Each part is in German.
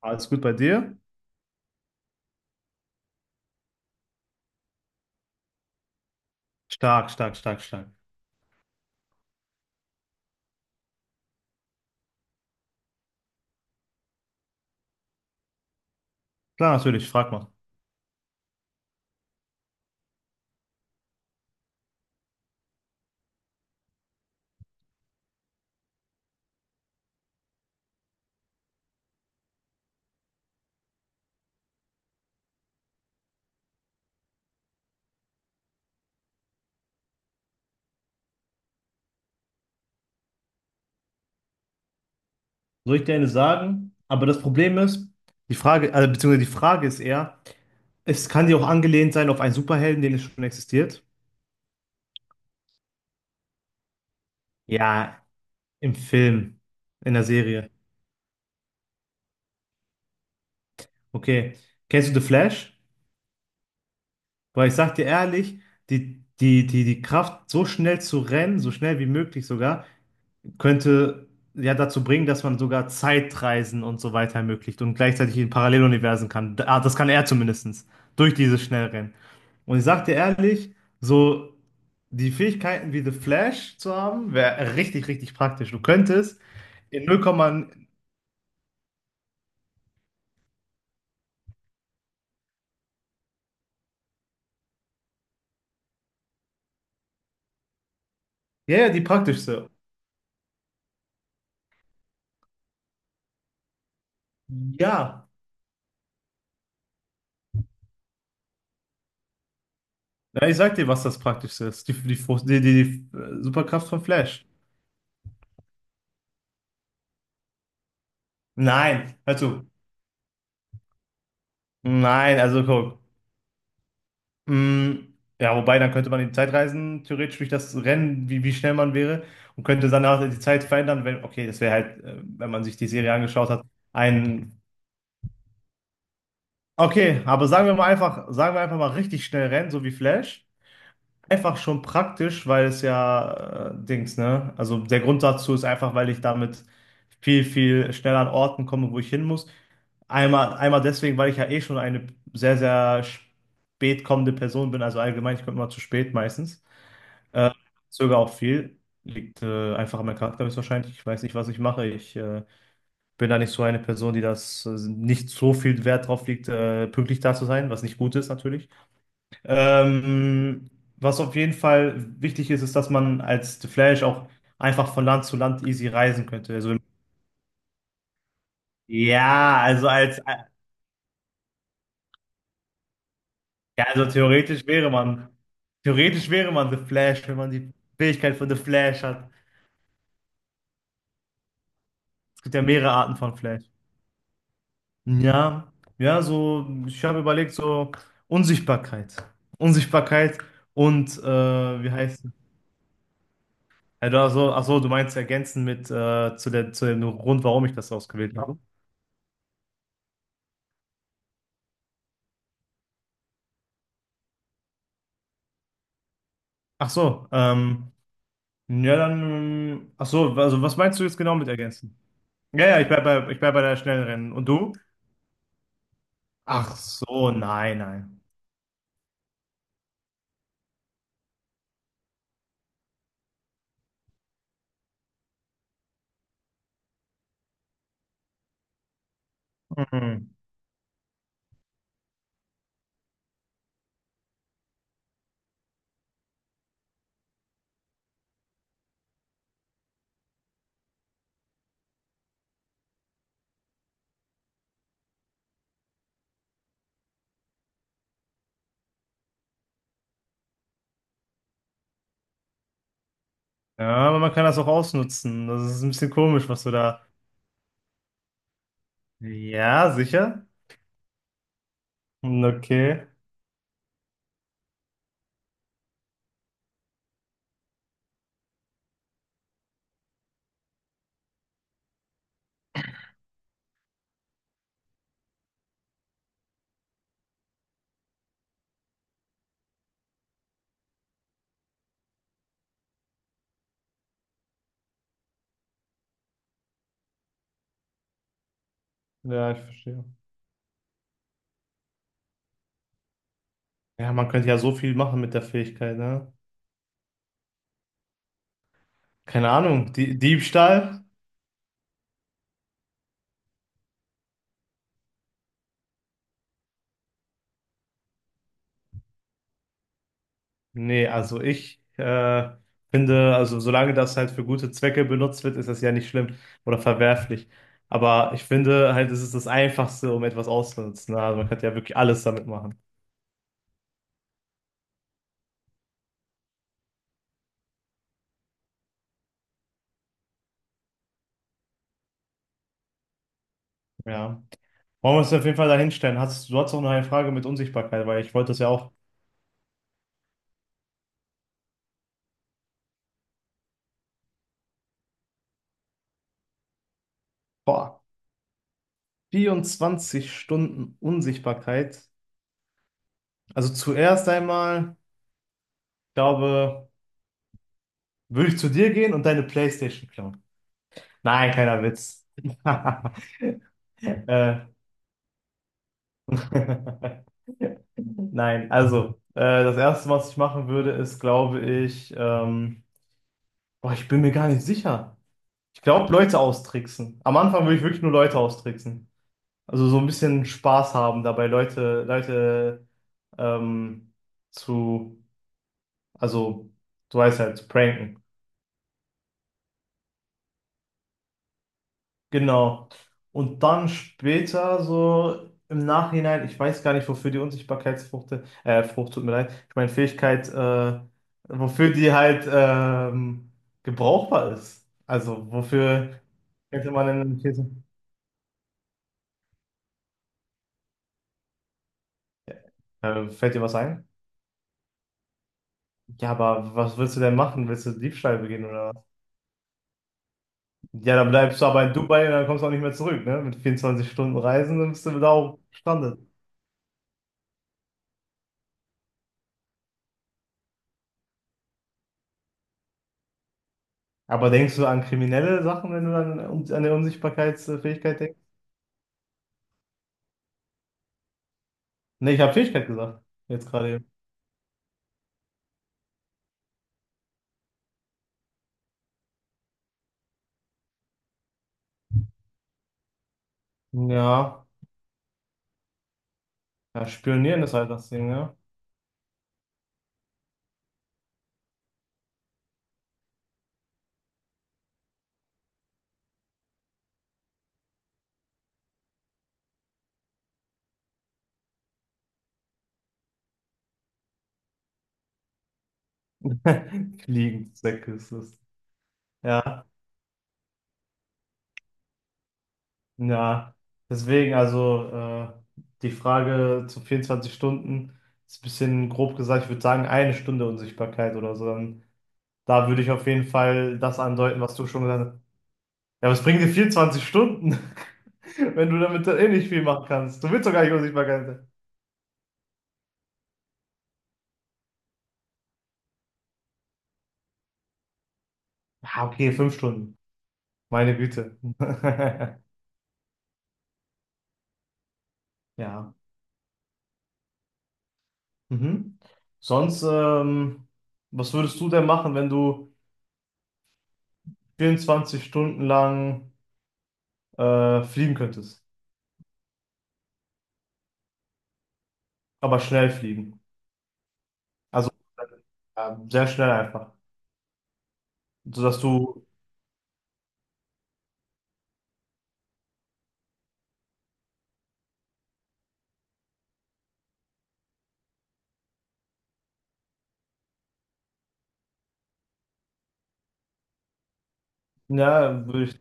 Alles gut bei dir? Stark, stark, stark, stark. Klar, natürlich, frag mal. Soll ich dir eine sagen? Aber das Problem ist, die Frage, also, beziehungsweise die Frage ist eher, es kann dir auch angelehnt sein auf einen Superhelden, den es schon existiert. Ja, im Film, in der Serie. Okay. Kennst du The Flash? Weil ich sag dir ehrlich, die Kraft, so schnell zu rennen, so schnell wie möglich sogar, könnte ja dazu bringen, dass man sogar Zeitreisen und so weiter ermöglicht und gleichzeitig in Paralleluniversen kann. Ah, das kann er zumindestens durch dieses Schnellrennen. Und ich sag dir ehrlich, so die Fähigkeiten wie The Flash zu haben, wäre richtig, richtig praktisch. Du könntest in 0, ja, ja, die praktischste. Ja, ja, ich sag dir, was das praktischste ist. Die Superkraft von Flash. Nein, hör zu. Nein, also guck. Mm, ja, wobei, dann könnte man in die Zeit reisen, theoretisch durch das Rennen, wie schnell man wäre, und könnte danach die Zeit verändern, wenn, okay, das wäre halt, wenn man sich die Serie angeschaut hat, ein, okay, aber sagen wir mal einfach, sagen wir einfach mal richtig schnell rennen, so wie Flash. Einfach schon praktisch, weil es ja, Dings, ne? Also der Grund dazu ist einfach, weil ich damit viel, viel schneller an Orten komme, wo ich hin muss. Einmal deswegen, weil ich ja eh schon eine sehr, sehr spät kommende Person bin, also allgemein, ich komme immer zu spät meistens. Äh, zögere auch viel. Liegt einfach an meinem Charakter höchstwahrscheinlich. Ich weiß nicht, was ich mache. Ich bin da nicht so eine Person, die das nicht so viel Wert drauf legt, pünktlich da zu sein, was nicht gut ist natürlich. Ähm, was auf jeden Fall wichtig ist, ist, dass man als The Flash auch einfach von Land zu Land easy reisen könnte. Also, ja, also als ja, also theoretisch wäre man The Flash, wenn man die Fähigkeit von The Flash hat. Es gibt ja mehrere Arten von Flash. Ja, ja, so, ich habe überlegt, so Unsichtbarkeit. Unsichtbarkeit und wie heißt es? Also, ach so, du meinst ergänzen mit zu der, zu dem Grund, warum ich das ausgewählt habe. Ach so, ja, dann, ach so, also was meinst du jetzt genau mit ergänzen? Ja, ja, ich bleib bei der schnellen Rennen. Und du? Ach so, nein, nein. Mhm. Ja, aber man kann das auch ausnutzen. Das ist ein bisschen komisch, was du da. Ja, sicher? Hm, okay. Ja, ich verstehe. Ja, man könnte ja so viel machen mit der Fähigkeit, ne? Keine Ahnung, die Diebstahl? Nee, also ich finde, also solange das halt für gute Zwecke benutzt wird, ist das ja nicht schlimm oder verwerflich. Aber ich finde halt, es ist das Einfachste, um etwas auszunutzen, ne? Also man könnte ja wirklich alles damit machen. Ja. Wollen wir uns auf jeden Fall dahin stellen? Hast, du hast auch noch eine Frage mit Unsichtbarkeit, weil ich wollte das ja auch. Boah, 24 Stunden Unsichtbarkeit. Also zuerst einmal, ich glaube. Würde ich zu dir gehen und deine PlayStation klauen? Nein, keiner Witz. äh, nein, also, das Erste, was ich machen würde, ist, glaube ich, boah, ich bin mir gar nicht sicher. Ich glaube, Leute austricksen. Am Anfang würde ich wirklich nur Leute austricksen. Also so ein bisschen Spaß haben dabei, Leute ähm, zu, also, du weißt halt, zu pranken. Genau. Und dann später, so im Nachhinein, ich weiß gar nicht, wofür die Unsichtbarkeitsfrucht, Frucht, tut mir leid, ich meine Fähigkeit, wofür die halt gebrauchbar ist. Also, wofür könnte man denn eine These? Fällt dir was ein? Ja, aber was willst du denn machen? Willst du Diebstahl begehen oder was? Ja, dann bleibst du aber in Dubai und dann kommst du auch nicht mehr zurück, ne? Mit 24 Stunden Reisen, dann bist du da auch gestrandet. Aber denkst du an kriminelle Sachen, wenn du dann an die Unsichtbarkeitsfähigkeit denkst? Nee, ich habe Fähigkeit gesagt. Jetzt gerade eben. Ja, ja, spionieren ist halt das Ding, ja. Fliegenzwecke ist es. Ja, ja. Deswegen, also die Frage zu 24 Stunden ist ein bisschen grob gesagt, ich würde sagen, eine Stunde Unsichtbarkeit oder so. Dann, da würde ich auf jeden Fall das andeuten, was du schon gesagt hast. Ja, was bringen dir 24 Stunden, wenn du damit eh nicht viel machen kannst? Du willst doch gar nicht Unsichtbarkeit sein. Ah okay, 5 Stunden. Meine Güte. Ja. Mhm. Sonst, was würdest du denn machen, wenn du 24 Stunden lang fliegen könntest? Aber schnell fliegen. Also sehr schnell einfach. Sodass du, ja, würde ich,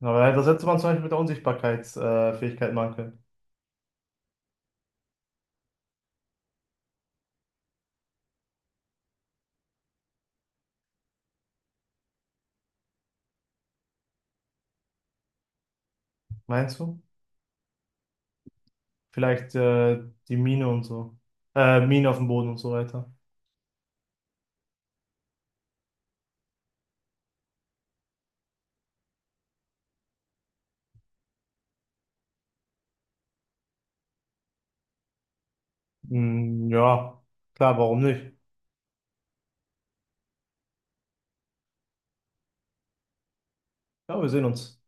aber das hätte man zum Beispiel mit der Unsichtbarkeitsfähigkeit Fähigkeit machen können. Meinst du? Vielleicht die Mine und so. Mine auf dem Boden und so weiter. Ja, klar, warum nicht? Ja, wir sehen uns.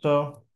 Ciao, ciao.